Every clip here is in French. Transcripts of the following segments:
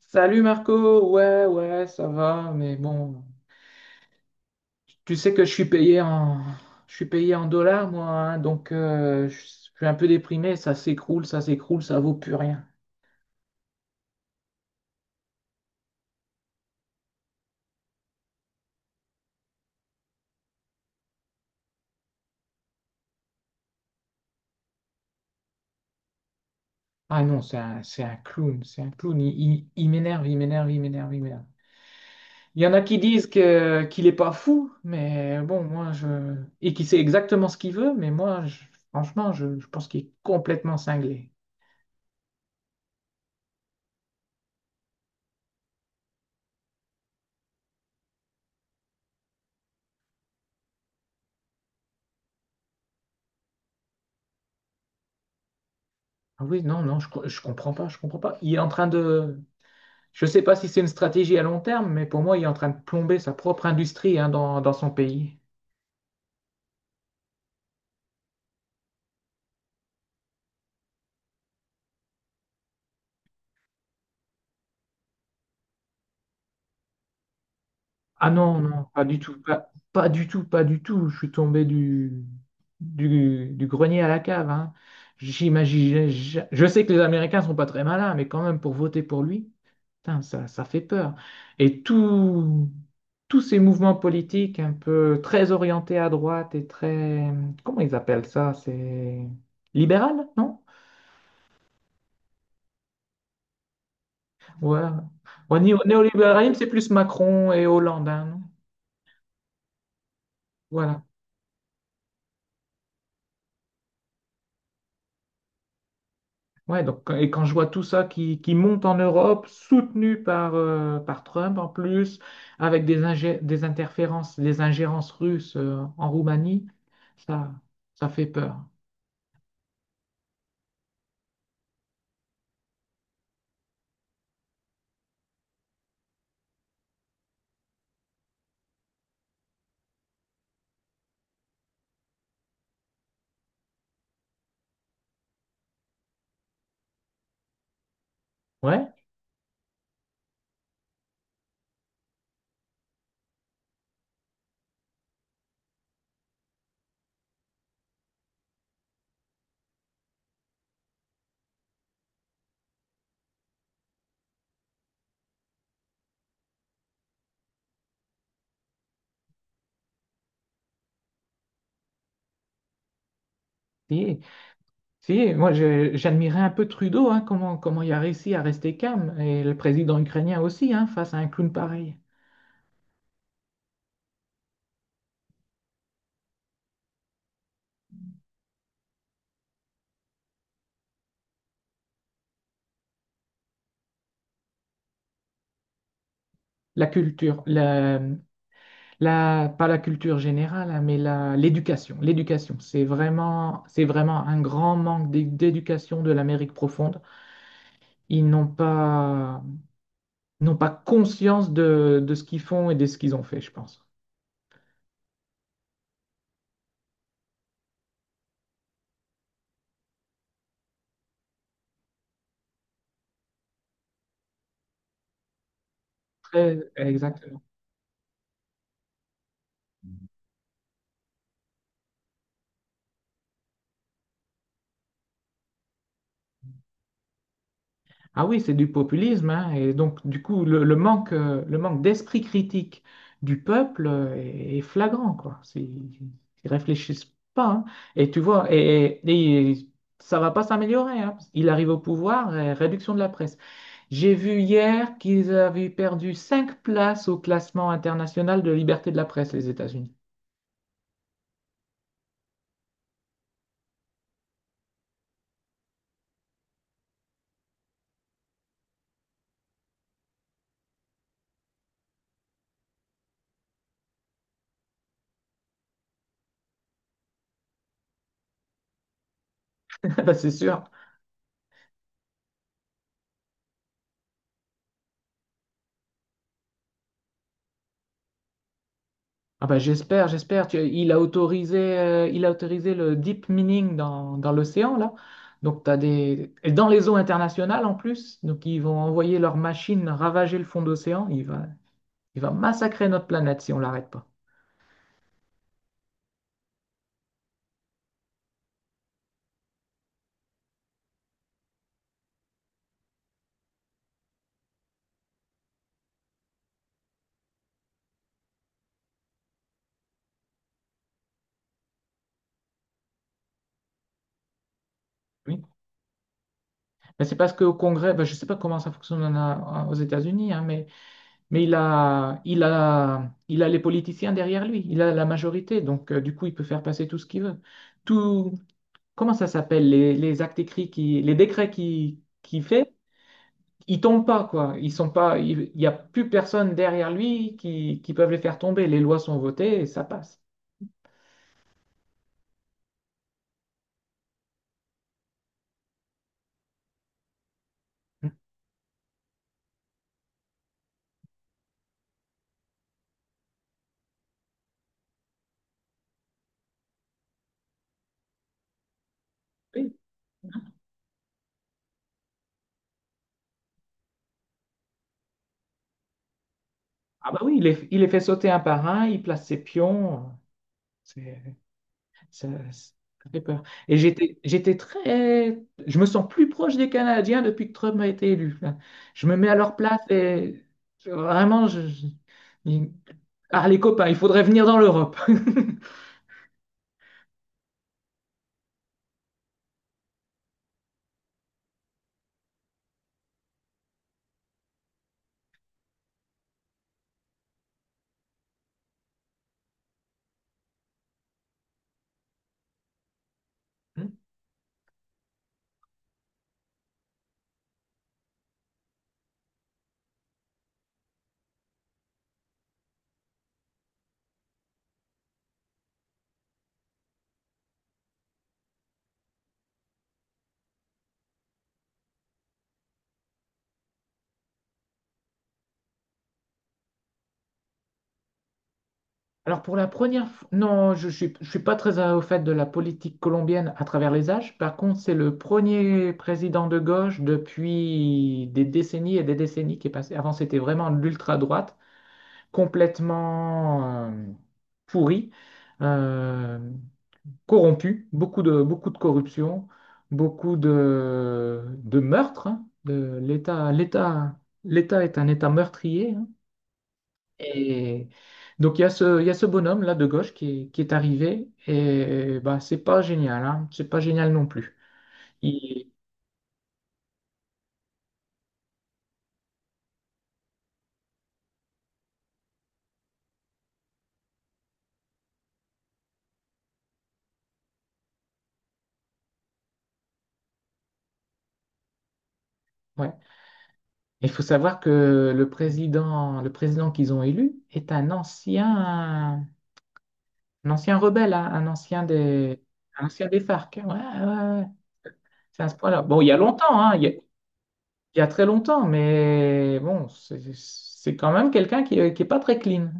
Salut Marco, ouais, ouais, ça va, mais bon, tu sais que je suis payé en dollars, moi, hein, donc je suis un peu déprimé, ça s'écroule, ça s'écroule, ça vaut plus rien. Ah non, c'est un clown, il m'énerve, il m'énerve, il m'énerve, il m'énerve. Il y en a qui disent que qu'il est pas fou, mais bon, moi je, et qui sait exactement ce qu'il veut, mais franchement, je pense qu'il est complètement cinglé. Ah oui, non, non, je comprends pas, je comprends pas. Il est en train de, je sais pas si c'est une stratégie à long terme, mais pour moi, il est en train de plomber sa propre industrie hein, dans son pays. Ah non, non, pas du tout, pas, pas du tout, pas du tout. Je suis tombé du grenier à la cave, hein. J'imagine, je sais que les Américains sont pas très malins, mais quand même pour voter pour lui. Putain, ça fait peur. Et tout- Tous ces mouvements politiques un peu très orientés à droite et très... Comment ils appellent ça? C'est libéral, non? Ouais. Ouais, néolibéralisme, c'est plus Macron et Hollande, hein, non. Voilà. Ouais, donc, et quand je vois tout ça qui monte en Europe, soutenu par, par Trump en plus, avec des interférences, des ingérences russes, en Roumanie, ça, ça fait peur. Ouais, si. Si, j'admirais un peu Trudeau, hein, comment il a réussi à rester calme, et le président ukrainien aussi, hein, face à un clown pareil. La culture, la- Pas la culture générale, hein, mais l'éducation. L'éducation, c'est vraiment un grand manque d'éducation de l'Amérique profonde. Ils n'ont pas, N'ont pas conscience de ce qu'ils font et de ce qu'ils ont fait, je pense. Exactement. Ah oui, c'est du populisme, hein, et donc du coup le manque d'esprit critique du peuple est, est flagrant, quoi. C'est... Ils réfléchissent pas, hein. Et tu vois, et ça va pas s'améliorer, hein. Il arrive au pouvoir, et réduction de la presse. J'ai vu hier qu'ils avaient perdu cinq places au classement international de liberté de la presse, les États-Unis. Bah, c'est sûr. Ah bah, j'espère, j'espère. Tu... Il a autorisé le deep mining dans l'océan, là. Donc, t'as des... Et dans les eaux internationales, en plus. Donc, ils vont envoyer leurs machines ravager le fond d'océan. Il va massacrer notre planète si on l'arrête pas. Oui. Mais c'est parce qu'au Congrès, bah, je ne sais pas comment ça fonctionne aux États-Unis, hein, mais il a les politiciens derrière lui, il a la majorité, donc du coup, il peut faire passer tout ce qu'il veut. Tout, comment ça s'appelle, les actes écrits les décrets qu'il qui fait, ils tombent pas, quoi. Ils sont pas, il n'y a plus personne derrière lui qui peuvent les faire tomber. Les lois sont votées et ça passe. Oui. Ah bah oui, il les fait sauter un par un, il place ses pions. C'est... Ça, ça fait peur. J'étais très. Je me sens plus proche des Canadiens depuis que Trump a été élu. Je me mets à leur place et je... vraiment, je... je... il... Ah, les copains, il faudrait venir dans l'Europe. Alors pour la première fois, non, je suis pas très au fait de la politique colombienne à travers les âges. Par contre, c'est le premier président de gauche depuis des décennies et des décennies qui est passé. Avant, c'était vraiment l'ultra-droite, complètement pourrie, euh, corrompue, beaucoup de corruption, beaucoup de meurtres, hein, de l'État, l'État, l'État est un État meurtrier hein. Et donc il y a ce, il y a ce bonhomme-là de gauche qui est arrivé et bah, c'est pas génial, hein. C'est pas génial non plus. Il, ouais. Il faut savoir que le président qu'ils ont élu est un ancien rebelle, hein, un ancien des FARC, hein. Ouais, ouais, ouais. C'est à ce point-là. Bon, il y a longtemps, hein, il y a très longtemps, mais bon, c'est quand même quelqu'un qui est pas très clean.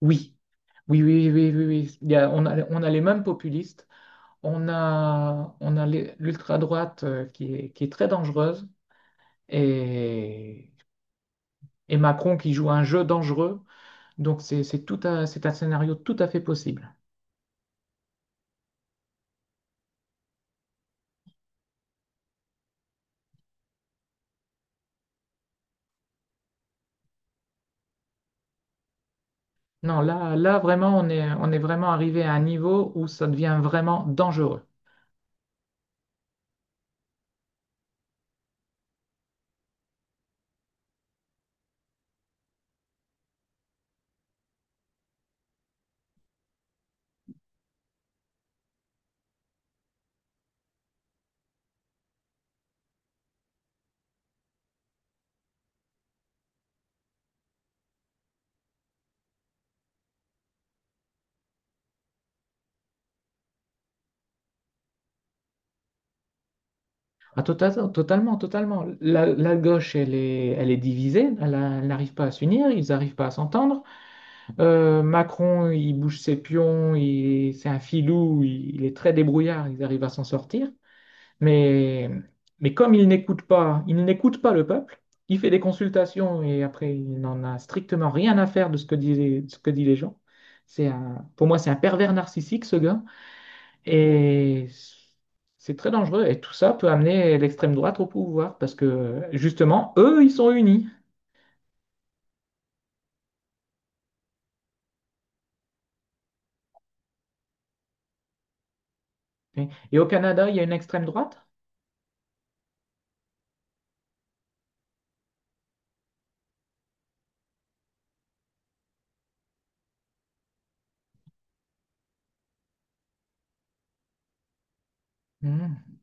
Oui. Oui, oui, oui, oui, oui. Il y a... on a les mêmes populistes. On a l'ultra-droite qui est très dangereuse et, et Macron qui joue un jeu dangereux. Donc c'est tout un... c'est un scénario tout à fait possible. Non, là vraiment, on est vraiment arrivé à un niveau où ça devient vraiment dangereux. Ah, totalement, totalement. La gauche, elle est divisée, elle n'arrive pas à s'unir, ils n'arrivent pas à s'entendre. Macron, il bouge ses pions, il... c'est un filou, il est très débrouillard, ils arrivent à s'en sortir. Mais, mais comme il n'écoute pas le peuple, il fait des consultations et après, il n'en a strictement rien à faire de ce que disent, les... de ce que disent les gens. C'est un... pour moi, c'est un pervers narcissique, ce gars. Et c'est très dangereux. Et tout ça peut amener l'extrême droite au pouvoir parce que, justement, eux, ils sont unis. Et au Canada, il y a une extrême droite? Hmm.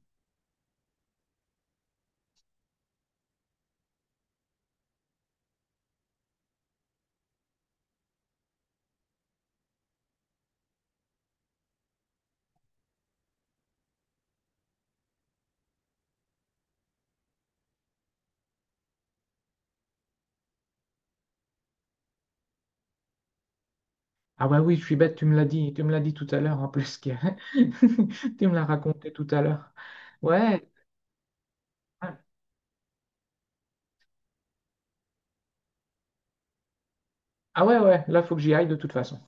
Ah bah oui, je suis bête, tu me l'as dit, tu me l'as dit tout à l'heure en plus, que... tu me l'as raconté tout à l'heure. Ouais, ah ouais, ouais, là, faut que j'y aille de toute façon.